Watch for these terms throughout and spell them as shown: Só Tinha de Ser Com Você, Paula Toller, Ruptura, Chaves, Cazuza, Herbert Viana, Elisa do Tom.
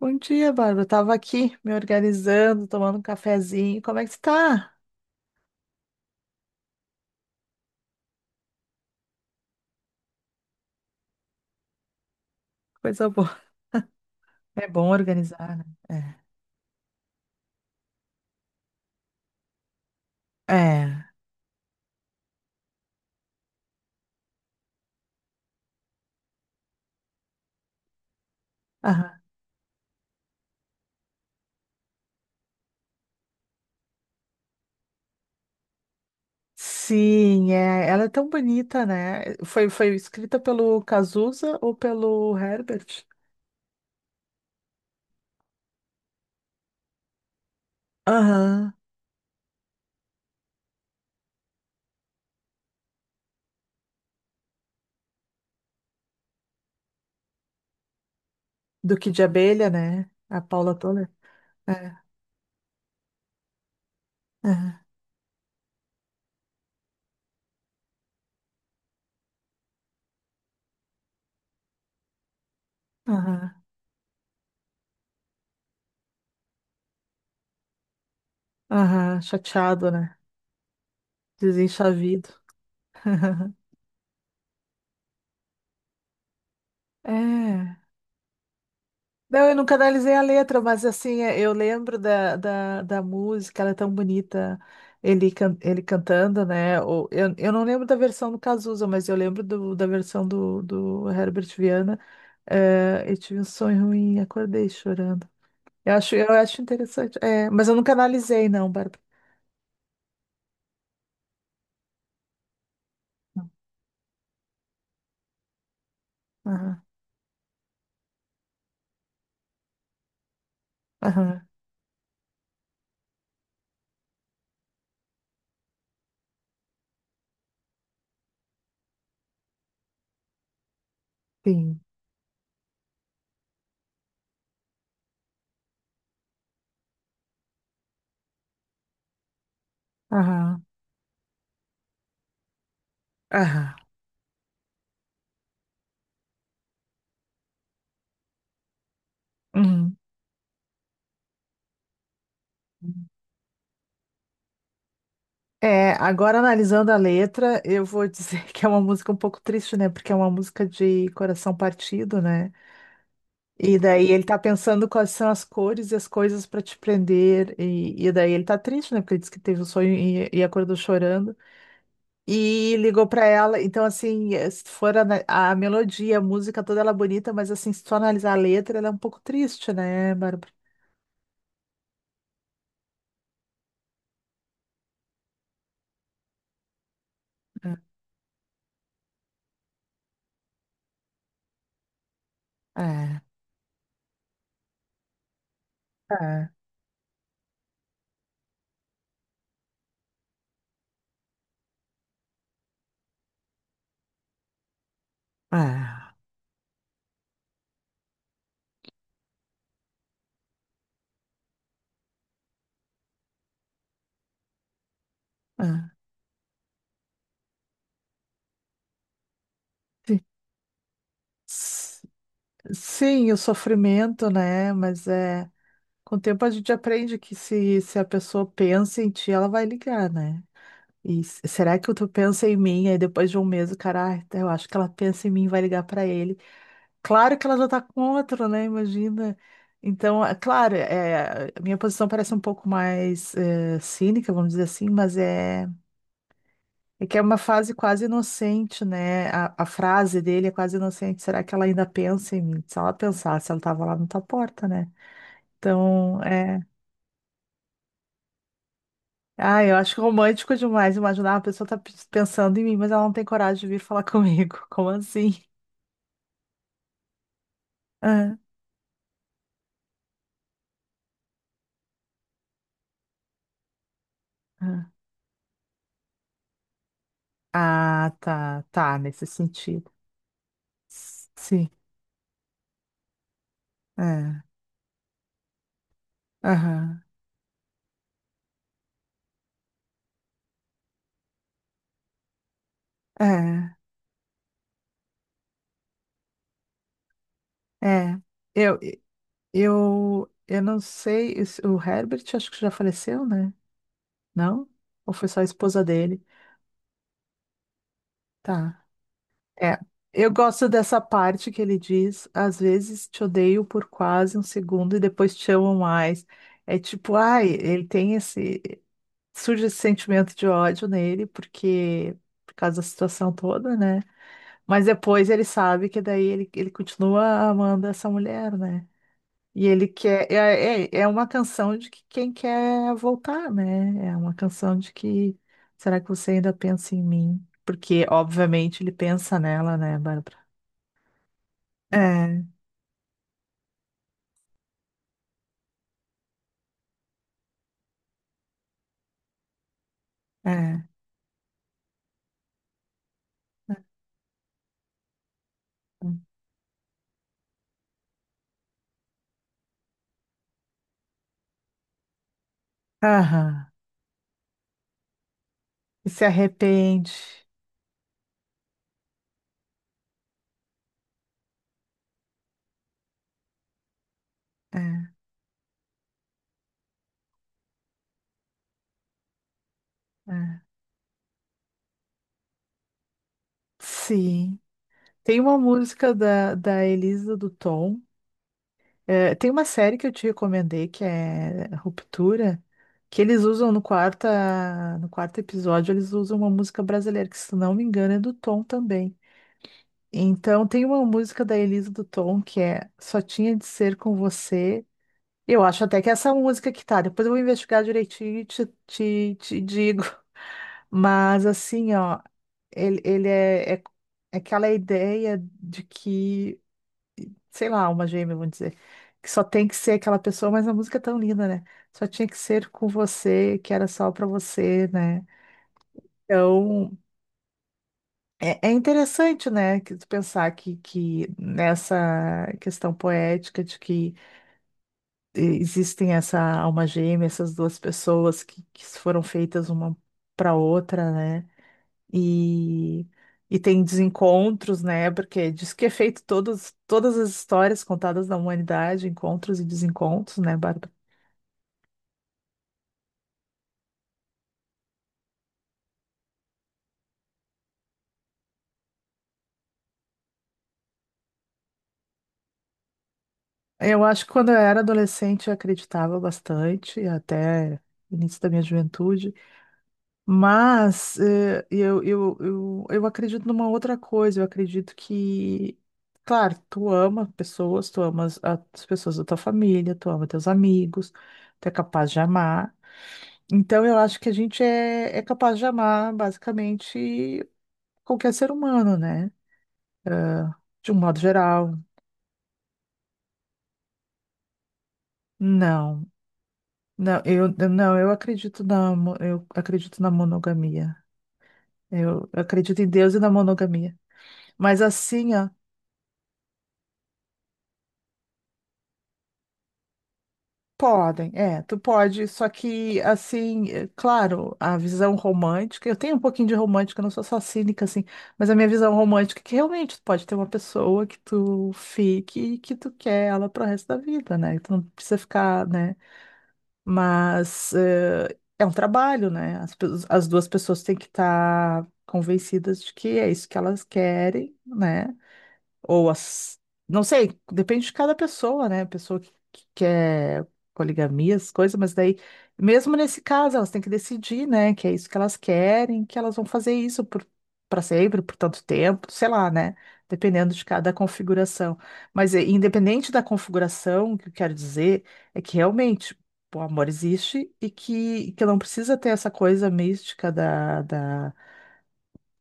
Bom dia, Bárbara. Tava aqui me organizando, tomando um cafezinho. Como é que tu tá? Coisa boa. É bom organizar, né? É. É. Aham. Sim, é. Ela é tão bonita, né? Foi escrita pelo Cazuza ou pelo Herbert? Aham. Duque de Abelha, né? A Paula Toller. É. Aham. Aham. Aham. Chateado, né? Desenchavido. É. Não, eu nunca analisei a letra, mas assim, é, eu lembro da música, ela é tão bonita, ele cantando, né? Ou, eu não lembro da versão do Cazuza, mas eu lembro da versão do Herbert Viana. É, eu tive um sonho ruim, acordei chorando. Eu acho interessante. É, mas eu nunca analisei, não, Bárbara. Aham, aham, sim. Aham, aham. Uhum. É, agora analisando a letra, eu vou dizer que é uma música um pouco triste, né? Porque é uma música de coração partido, né? E daí ele tá pensando quais são as cores e as coisas para te prender. E daí ele tá triste, né? Porque ele disse que teve um sonho e acordou chorando. E ligou para ela. Então, assim, se for melodia, a música toda ela é bonita, mas assim, se tu analisar a letra, ela é um pouco triste, né, Bárbara? É, é, é, é. É. Sim, o sofrimento, né? Mas é, com o tempo a gente aprende que se a pessoa pensa em ti, ela vai ligar, né? E será que tu pensa em mim? Aí depois de um mês, o cara, eu acho que ela pensa em mim, vai ligar pra ele. Claro que ela já tá com outro, né? Imagina. Então, é claro, é, a minha posição parece um pouco mais cínica, vamos dizer assim, mas é. É que é uma fase quase inocente, né? A frase dele é quase inocente. Será que ela ainda pensa em mim? Se ela pensasse, ela estava lá na tua porta, né? Então, é. Ah, eu acho romântico demais imaginar a pessoa tá pensando em mim, mas ela não tem coragem de vir falar comigo. Como assim? Ah, ah. Ah, tá, tá, nesse sentido. Sim, é. Aham. É, é. Eu, eu não sei, o Herbert acho que já faleceu, né? Não? Ou foi só a esposa dele? Tá. É. Eu gosto dessa parte que ele diz: às vezes te odeio por quase um segundo e depois te amo mais. É tipo, ai, ele tem esse. Surge esse sentimento de ódio nele, porque. Por causa da situação toda, né? Mas depois ele sabe que daí ele continua amando essa mulher, né? E ele quer. É uma canção de que quem quer voltar, né? É uma canção de que. Será que você ainda pensa em mim? Porque, obviamente, ele pensa nela, né, Bárbara? É, é. Aham. E se arrepende. É, é. Sim. Tem uma música da Elisa do Tom. É, tem uma série que eu te recomendei que é Ruptura, que eles usam no quarto episódio, eles usam uma música brasileira, que se não me engano é do Tom também. Então tem uma música da Elisa do Tom que é Só Tinha de Ser Com Você. Eu acho até que é essa música que tá, depois eu vou investigar direitinho e te digo. Mas assim, ó, ele é, é aquela ideia de que sei lá, alma gêmea, vamos dizer, que só tem que ser aquela pessoa, mas a música é tão linda, né? Só tinha que ser com você, que era só pra você, né? Então, é interessante, né, que tu pensar que nessa questão poética de que existem essa alma gêmea, essas duas pessoas que foram feitas uma para outra, né? E, e tem desencontros, né? Porque diz que é feito todas as histórias contadas da humanidade, encontros e desencontros, né, Bárbara? Eu acho que quando eu era adolescente eu acreditava bastante, até o início da minha juventude, mas eu acredito numa outra coisa, eu acredito que, claro, tu ama pessoas, tu amas as pessoas da tua família, tu ama teus amigos, tu é capaz de amar. Então, eu acho que a gente é capaz de amar basicamente qualquer ser humano, né? De um modo geral. Não, não, não, eu acredito na monogamia. Eu acredito em Deus e na monogamia. Mas assim, ó. Podem, é, tu pode, só que assim, é, claro, a visão romântica, eu tenho um pouquinho de romântica, eu não sou só cínica assim, mas a minha visão romântica é que realmente tu pode ter uma pessoa que tu fique e que tu quer ela pro resto da vida, né? Tu não precisa ficar, né? Mas é, um trabalho, né? As duas pessoas têm que estar convencidas de que é isso que elas querem, né? Ou as. Não sei, depende de cada pessoa, né? Pessoa que quer poligamia, as coisas, mas daí, mesmo nesse caso, elas têm que decidir, né? Que é isso que elas querem, que elas vão fazer isso por, para sempre, por tanto tempo, sei lá, né? Dependendo de cada configuração. Mas independente da configuração, o que eu quero dizer é que realmente o amor existe e que não precisa ter essa coisa mística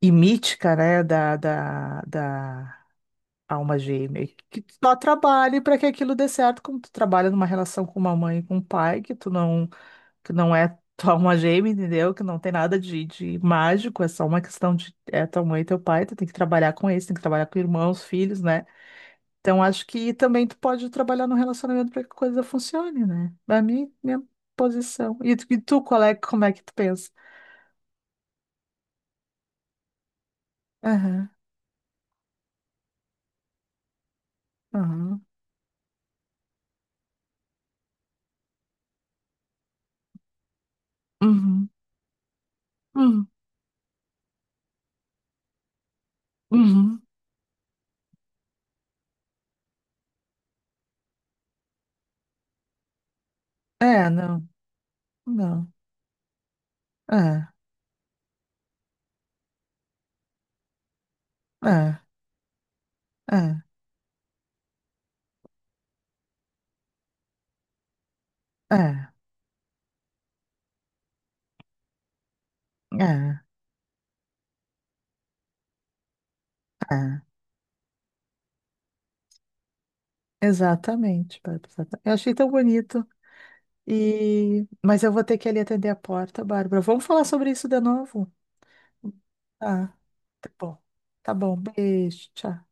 e mítica, né? Da alma gêmea, que tu só trabalhe para que aquilo dê certo, como tu trabalha numa relação com uma mãe e com um pai, que tu não, que não é tua alma gêmea, entendeu? Que não tem nada de mágico, é só uma questão de é tua mãe e teu pai, tu tem que trabalhar com eles, tem que trabalhar com irmãos, filhos, né? Então acho que também tu pode trabalhar no relacionamento para que a coisa funcione, né? Pra mim, minha posição. E tu, qual é, como é que tu pensa? Aham, aham, uhum, uhum, uhum. É, não, não, é, é, é. É, é, é. Exatamente, Bárbara. Eu achei tão bonito. E... Mas eu vou ter que ali atender a porta, Bárbara. Vamos falar sobre isso de novo? Tá, tá bom. Tá bom, beijo, tchau.